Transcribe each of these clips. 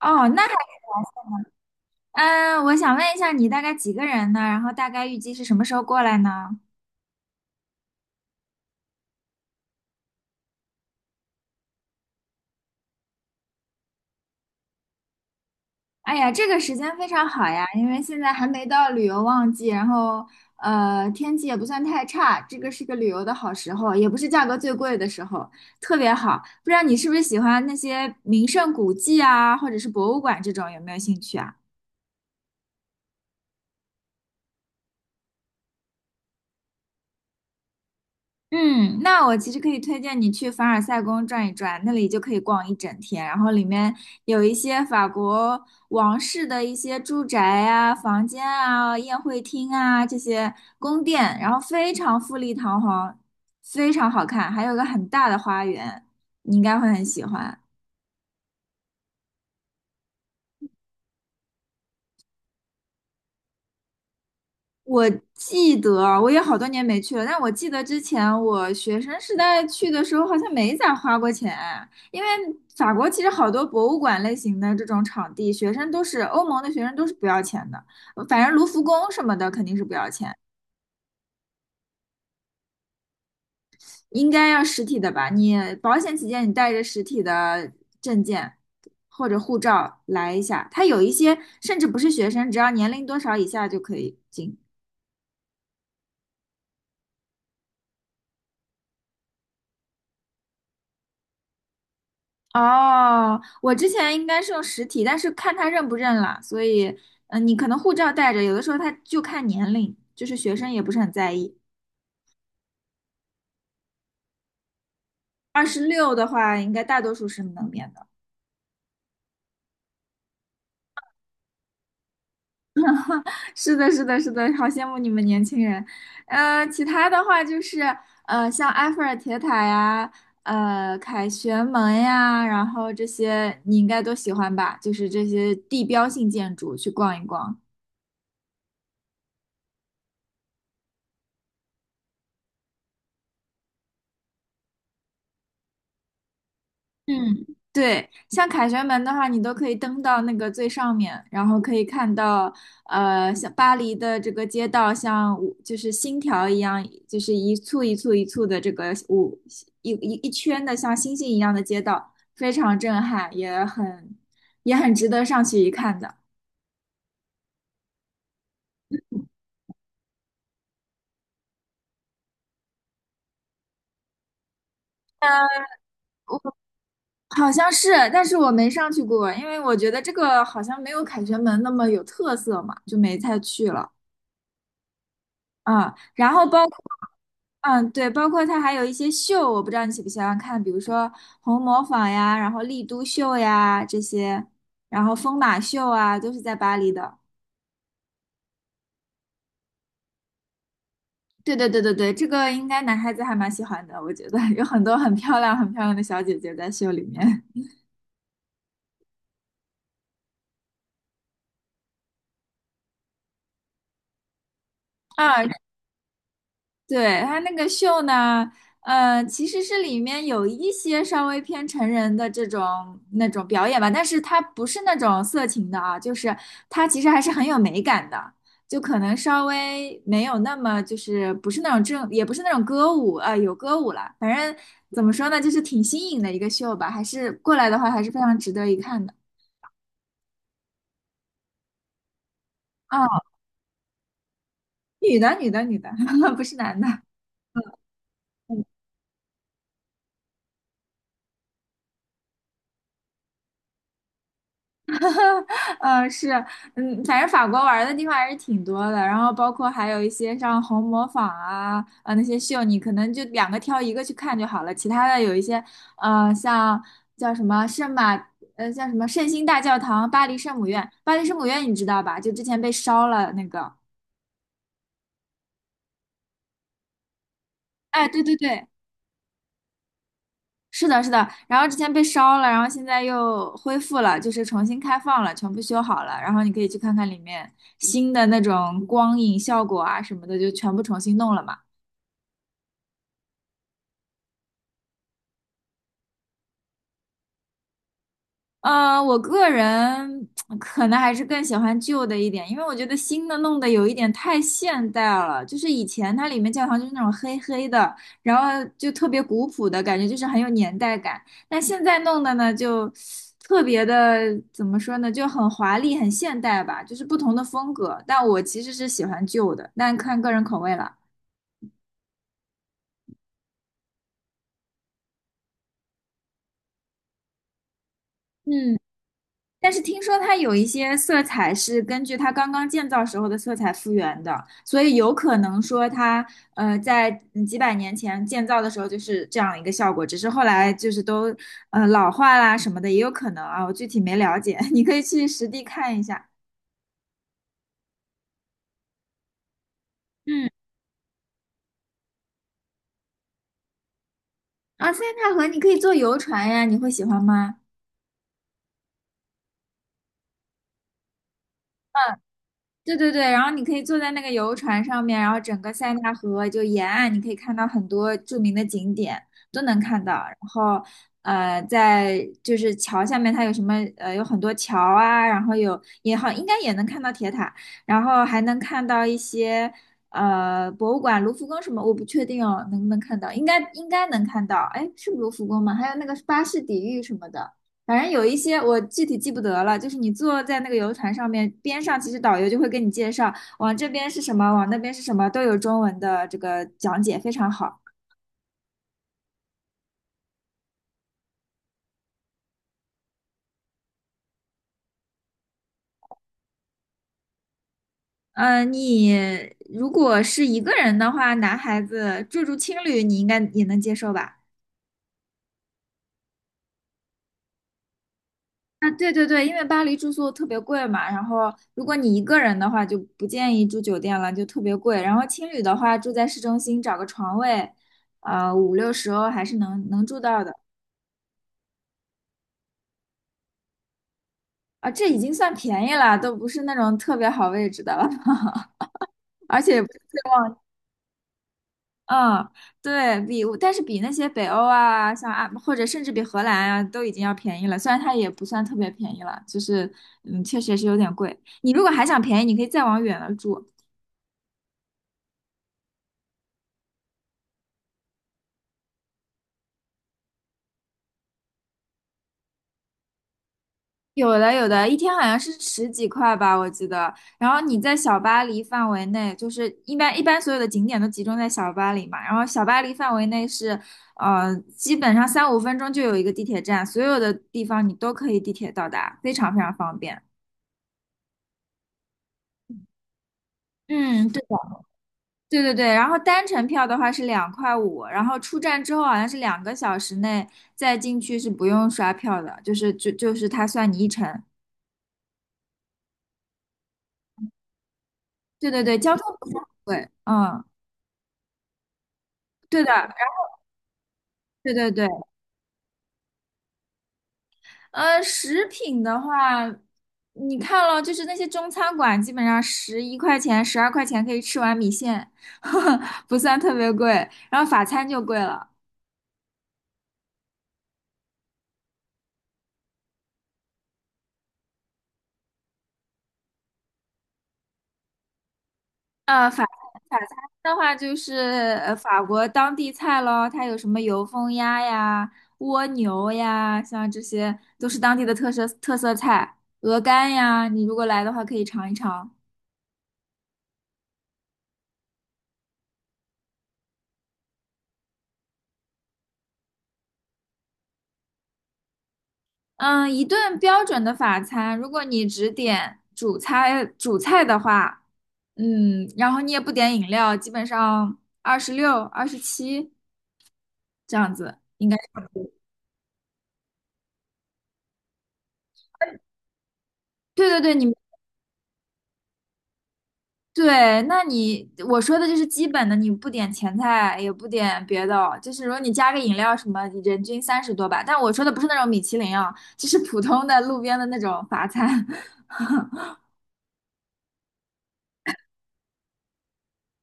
哦，那还，嗯，我想问一下，你大概几个人呢？然后大概预计是什么时候过来呢？哎呀，这个时间非常好呀，因为现在还没到旅游旺季，然后天气也不算太差，这个是个旅游的好时候，也不是价格最贵的时候，特别好。不知道你是不是喜欢那些名胜古迹啊，或者是博物馆这种，有没有兴趣啊？嗯，那我其实可以推荐你去凡尔赛宫转一转，那里就可以逛一整天。然后里面有一些法国王室的一些住宅啊、房间啊、宴会厅啊这些宫殿，然后非常富丽堂皇，非常好看，还有个很大的花园，你应该会很喜欢。我记得，我也好多年没去了，但我记得之前我学生时代去的时候，好像没咋花过钱，因为法国其实好多博物馆类型的这种场地，学生都是欧盟的学生都是不要钱的，反正卢浮宫什么的肯定是不要钱，应该要实体的吧？你保险起见，你带着实体的证件或者护照来一下，它有一些甚至不是学生，只要年龄多少以下就可以进。哦，我之前应该是用实体，但是看他认不认了，所以，你可能护照带着，有的时候他就看年龄，就是学生也不是很在意。二十六的话，应该大多数是能免的。是的，是的，是的，好羡慕你们年轻人。其他的话就是，像埃菲尔铁塔呀，凯旋门呀，然后这些你应该都喜欢吧？就是这些地标性建筑去逛一逛。嗯，对，像凯旋门的话，你都可以登到那个最上面，然后可以看到，像巴黎的这个街道，像五就是星条一样，就是一簇一簇一簇的这个五一圈的像星星一样的街道，非常震撼，也很值得上去一看的。嗯，我好像是，但是我没上去过，因为我觉得这个好像没有凯旋门那么有特色嘛，就没再去了。啊，然后包括。嗯，对，包括它还有一些秀，我不知道你喜不喜欢看，比如说红磨坊呀，然后丽都秀呀这些，然后疯马秀啊，都是在巴黎的。对对对对对，这个应该男孩子还蛮喜欢的，我觉得有很多很漂亮、很漂亮的小姐姐在秀里面。啊，对，他那个秀呢，其实是里面有一些稍微偏成人的这种那种表演吧，但是它不是那种色情的啊，就是它其实还是很有美感的，就可能稍微没有那么就是不是那种正，也不是那种歌舞啊，有歌舞了，反正怎么说呢，就是挺新颖的一个秀吧，还是过来的话还是非常值得一看的啊，女的，女的，女的，不是男的。嗯，是，嗯，反正法国玩儿的地方还是挺多的，然后包括还有一些像红磨坊啊，那些秀，你可能就两个挑一个去看就好了，其他的有一些，像叫什么圣马，叫什么圣心大教堂、巴黎圣母院，巴黎圣母院你知道吧？就之前被烧了那个，哎，对对对，是的，是的，然后之前被烧了，然后现在又恢复了，就是重新开放了，全部修好了，然后你可以去看看里面新的那种光影效果啊什么的，就全部重新弄了嘛。我个人可能还是更喜欢旧的一点，因为我觉得新的弄得有一点太现代了。就是以前它里面教堂就是那种黑黑的，然后就特别古朴的感觉，就是很有年代感。但现在弄的呢，就特别的怎么说呢，就很华丽、很现代吧，就是不同的风格。但我其实是喜欢旧的，但看个人口味了。嗯。但是听说它有一些色彩是根据它刚刚建造时候的色彩复原的，所以有可能说它在几百年前建造的时候就是这样一个效果，只是后来就是都老化啦什么的也有可能啊，我具体没了解，你可以去实地看一下。嗯，啊，塞纳河你可以坐游船呀，你会喜欢吗？对对对，然后你可以坐在那个游船上面，然后整个塞纳河就沿岸，你可以看到很多著名的景点都能看到。然后，在就是桥下面，它有什么有很多桥啊，然后有也好，应该也能看到铁塔，然后还能看到一些博物馆，卢浮宫什么，我不确定哦，能不能看到？应该应该能看到，哎，是卢浮宫吗？还有那个巴士底狱什么的。反正有一些我具体记不得了，就是你坐在那个游船上面，边上其实导游就会跟你介绍，往这边是什么，往那边是什么，都有中文的这个讲解，非常好。嗯，你如果是一个人的话，男孩子住住青旅，你应该也能接受吧？啊，对对对，因为巴黎住宿特别贵嘛，然后如果你一个人的话，就不建议住酒店了，就特别贵。然后青旅的话，住在市中心找个床位，五六十欧还是能住到的。啊，这已经算便宜了，都不是那种特别好位置的了，而且，嗯，对比，但是比那些北欧啊，像啊，或者甚至比荷兰啊，都已经要便宜了。虽然它也不算特别便宜了，就是，嗯，确实是有点贵。你如果还想便宜，你可以再往远了住，有的有的，一天好像是10几块吧，我记得。然后你在小巴黎范围内，就是一般所有的景点都集中在小巴黎嘛。然后小巴黎范围内是，基本上三五分钟就有一个地铁站，所有的地方你都可以地铁到达，非常非常方便。嗯，对的，对对对。然后单程票的话是2块5，然后出站之后好像是2个小时内再进去是不用刷票的，就是它算你一程。对对对，交通不是很贵，嗯，对的。对对对，食品的话，你看了，就是那些中餐馆，基本上11块钱、12块钱可以吃碗米线，不算特别贵。然后法餐就贵了，呃，法法餐的话就是法国当地菜咯，它有什么油封鸭呀、蜗牛呀，像这些都是当地的特色菜，鹅肝呀，你如果来的话可以尝一尝。嗯，一顿标准的法餐，如果你只点主菜的话，嗯，然后你也不点饮料，基本上二十六、27这样子，应该。对对对，你对，那你我说的就是基本的，你不点前菜，也不点别的哦，就是如果你加个饮料什么，人均30多吧。但我说的不是那种米其林啊，就是普通的路边的那种法餐。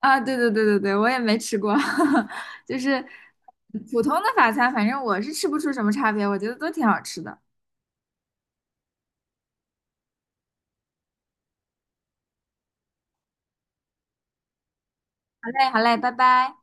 啊，对对对对对，我也没吃过，就是普通的法餐，反正我是吃不出什么差别，我觉得都挺好吃的。好嘞，好嘞，拜拜。